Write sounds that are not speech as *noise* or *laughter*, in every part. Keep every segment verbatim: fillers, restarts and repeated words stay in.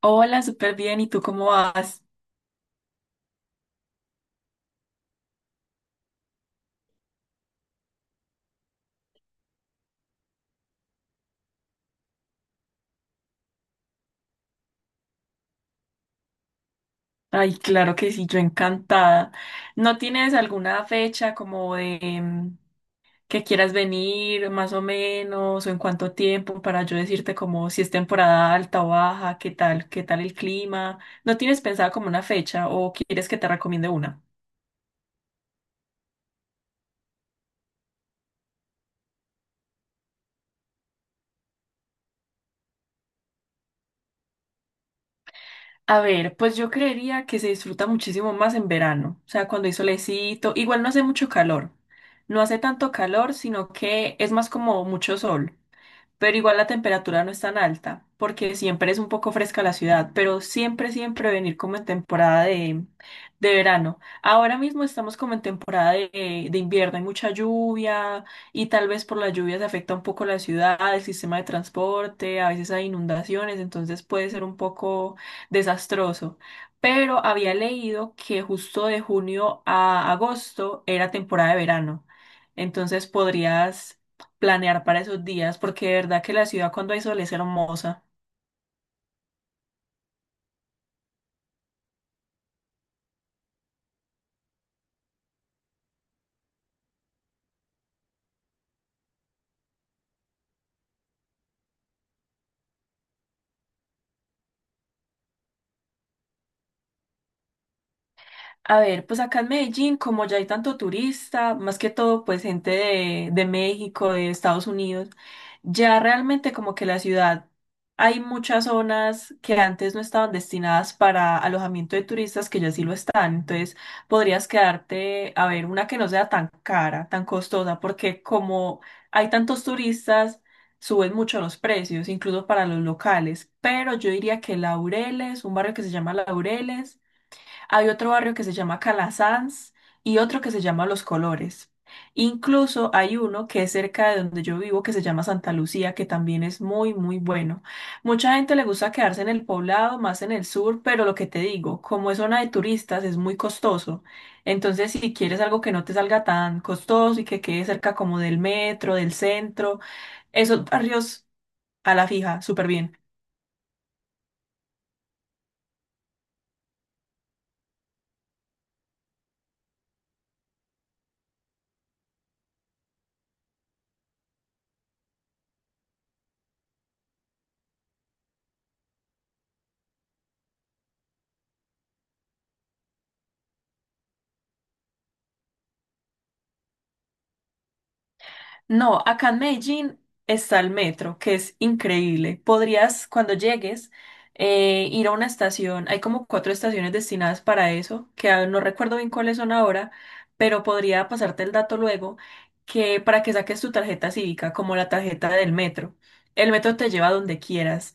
Hola, súper bien. ¿Y tú cómo vas? Ay, claro que sí, yo encantada. ¿No tienes alguna fecha como de mm, que quieras venir más o menos o en cuánto tiempo para yo decirte como si es temporada alta o baja, qué tal, qué tal el clima? ¿No tienes pensada como una fecha o quieres que te recomiende una? A ver, pues yo creería que se disfruta muchísimo más en verano, o sea, cuando hay solecito, igual no hace mucho calor, no hace tanto calor, sino que es más como mucho sol. Pero igual la temperatura no es tan alta, porque siempre es un poco fresca la ciudad, pero siempre, siempre venir como en temporada de, de verano. Ahora mismo estamos como en temporada de, de invierno, hay mucha lluvia y tal vez por la lluvia se afecta un poco la ciudad, el sistema de transporte, a veces hay inundaciones, entonces puede ser un poco desastroso. Pero había leído que justo de junio a agosto era temporada de verano. Entonces podrías planear para esos días, porque de verdad que la ciudad cuando hay sol es hermosa. A ver, pues acá en Medellín, como ya hay tanto turista, más que todo, pues gente de, de México, de Estados Unidos, ya realmente como que la ciudad, hay muchas zonas que antes no estaban destinadas para alojamiento de turistas que ya sí lo están. Entonces, podrías quedarte a ver una que no sea tan cara, tan costosa, porque como hay tantos turistas, suben mucho los precios, incluso para los locales. Pero yo diría que Laureles, un barrio que se llama Laureles. Hay otro barrio que se llama Calasanz y otro que se llama Los Colores. Incluso hay uno que es cerca de donde yo vivo que se llama Santa Lucía, que también es muy, muy bueno. Mucha gente le gusta quedarse en el poblado, más en el sur, pero lo que te digo, como es zona de turistas, es muy costoso. Entonces, si quieres algo que no te salga tan costoso y que quede cerca como del metro, del centro, esos barrios a la fija, súper bien. No, acá en Medellín está el metro, que es increíble. Podrías, cuando llegues, eh, ir a una estación. Hay como cuatro estaciones destinadas para eso, que ah, no recuerdo bien cuáles son ahora, pero podría pasarte el dato luego, que para que saques tu tarjeta cívica, como la tarjeta del metro. El metro te lleva a donde quieras.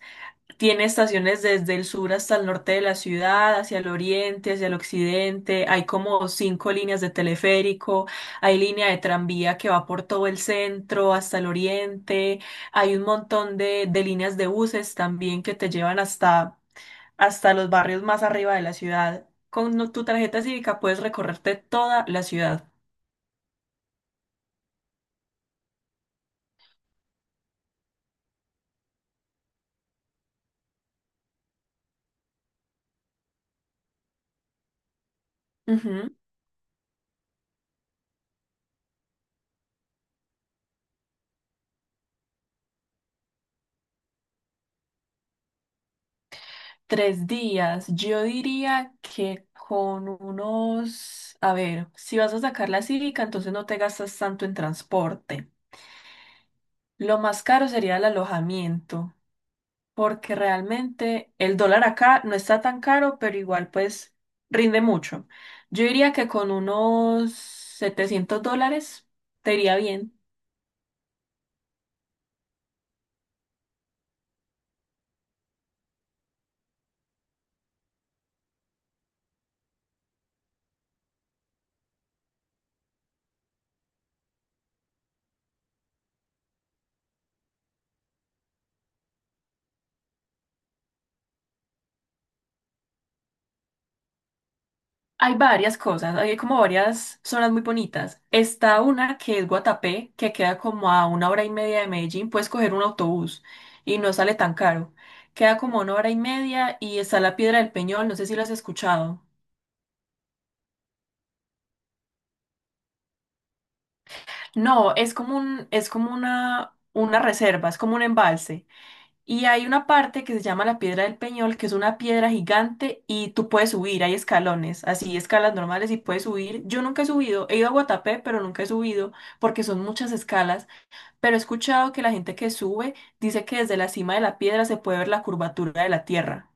Tiene estaciones desde el sur hasta el norte de la ciudad, hacia el oriente, hacia el occidente. Hay como cinco líneas de teleférico, hay línea de tranvía que va por todo el centro hasta el oriente. Hay un montón de, de líneas de buses también que te llevan hasta, hasta los barrios más arriba de la ciudad. Con no- tu tarjeta cívica puedes recorrerte toda la ciudad. Ujú. Tres días. Yo diría que con unos, a ver, si vas a sacar la cívica, entonces no te gastas tanto en transporte. Lo más caro sería el alojamiento, porque realmente el dólar acá no está tan caro, pero igual pues rinde mucho. Yo diría que con unos setecientos dólares te iría bien. Hay varias cosas, hay como varias zonas muy bonitas. Está una que es Guatapé, que queda como a una hora y media de Medellín, puedes coger un autobús y no sale tan caro. Queda como a una hora y media y está la Piedra del Peñol, no sé si lo has escuchado. No, es como un, es como una, una reserva, es como un embalse. Y hay una parte que se llama la Piedra del Peñol, que es una piedra gigante y tú puedes subir, hay escalones, así escalas normales y puedes subir. Yo nunca he subido, he ido a Guatapé, pero nunca he subido porque son muchas escalas, pero he escuchado que la gente que sube dice que desde la cima de la piedra se puede ver la curvatura de la tierra.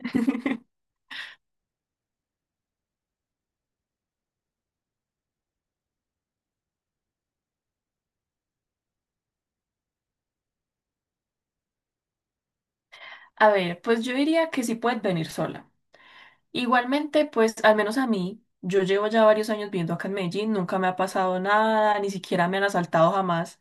*laughs* A ver, pues yo diría que sí puedes venir sola. Igualmente, pues al menos a mí, yo llevo ya varios años viviendo acá en Medellín, nunca me ha pasado nada, ni siquiera me han asaltado jamás.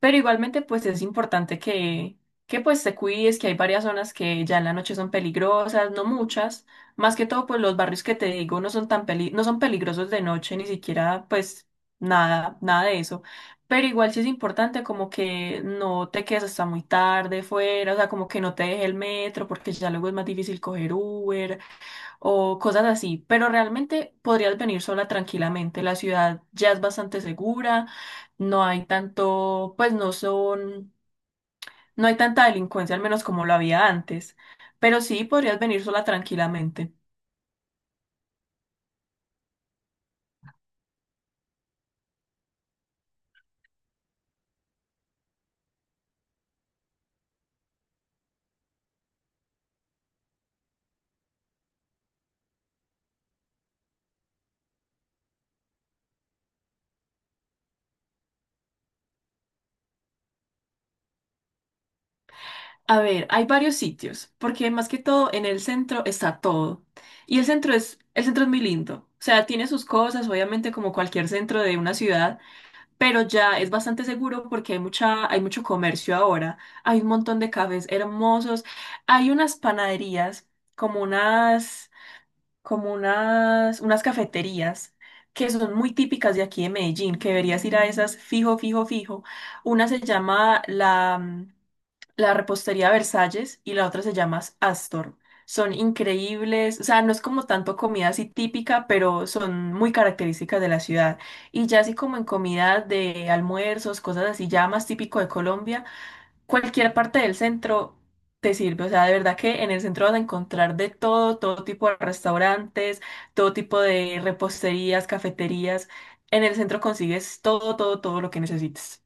Pero igualmente, pues es importante que, que pues te cuides, que hay varias zonas que ya en la noche son peligrosas, no muchas. Más que todo, pues los barrios que te digo no son tan peli- no son peligrosos de noche, ni siquiera, pues nada, nada de eso. Pero igual sí es importante como que no te quedes hasta muy tarde fuera, o sea, como que no te deje el metro, porque ya luego es más difícil coger Uber o cosas así, pero realmente podrías venir sola tranquilamente. La ciudad ya es bastante segura, no hay tanto, pues no son, no hay tanta delincuencia, al menos como lo había antes, pero sí podrías venir sola tranquilamente. A ver, hay varios sitios, porque más que todo en el centro está todo. Y el centro es, el centro es muy lindo. O sea, tiene sus cosas, obviamente como cualquier centro de una ciudad, pero ya es bastante seguro porque hay mucha, hay mucho comercio ahora, hay un montón de cafés hermosos, hay unas panaderías, como unas, como unas, unas cafeterías que son muy típicas de aquí de Medellín, que deberías ir a esas fijo, fijo, fijo. Una se llama la la repostería Versalles y la otra se llama Astor. Son increíbles, o sea, no es como tanto comida así típica, pero son muy características de la ciudad. Y ya así como en comida de almuerzos, cosas así ya más típico de Colombia, cualquier parte del centro te sirve. O sea, de verdad que en el centro vas a encontrar de todo, todo tipo de restaurantes, todo tipo de reposterías, cafeterías. En el centro consigues todo, todo, todo lo que necesites.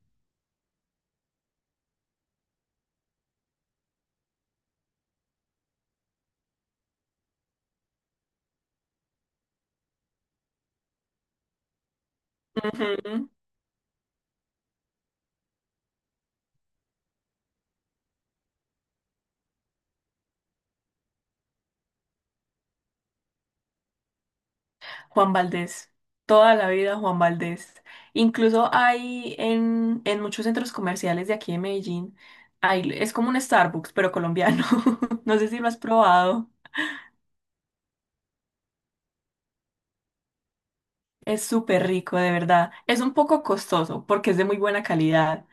Ujú. Juan Valdés, toda la vida Juan Valdés. Incluso hay en, en muchos centros comerciales de aquí de Medellín, hay, es como un Starbucks, pero colombiano. *laughs* No sé si lo has probado. Es súper rico, de verdad. Es un poco costoso porque es de muy buena calidad,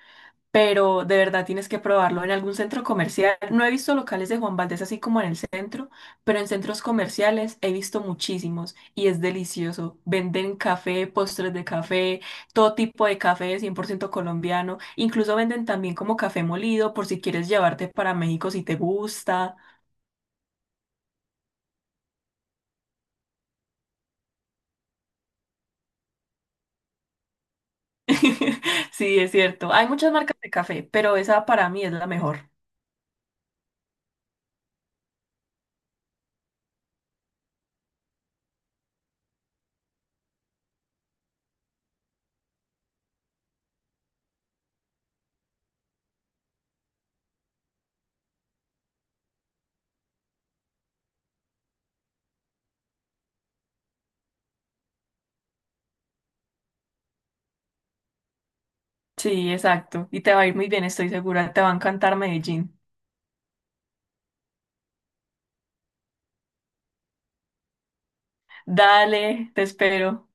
pero de verdad tienes que probarlo en algún centro comercial. No he visto locales de Juan Valdez así como en el centro, pero en centros comerciales he visto muchísimos y es delicioso. Venden café, postres de café, todo tipo de café cien por ciento colombiano. Incluso venden también como café molido por si quieres llevarte para México si te gusta. *laughs* Sí, es cierto. Hay muchas marcas de café, pero esa para mí es la mejor. Sí, exacto. Y te va a ir muy bien, estoy segura. Te va a encantar Medellín. Dale, te espero.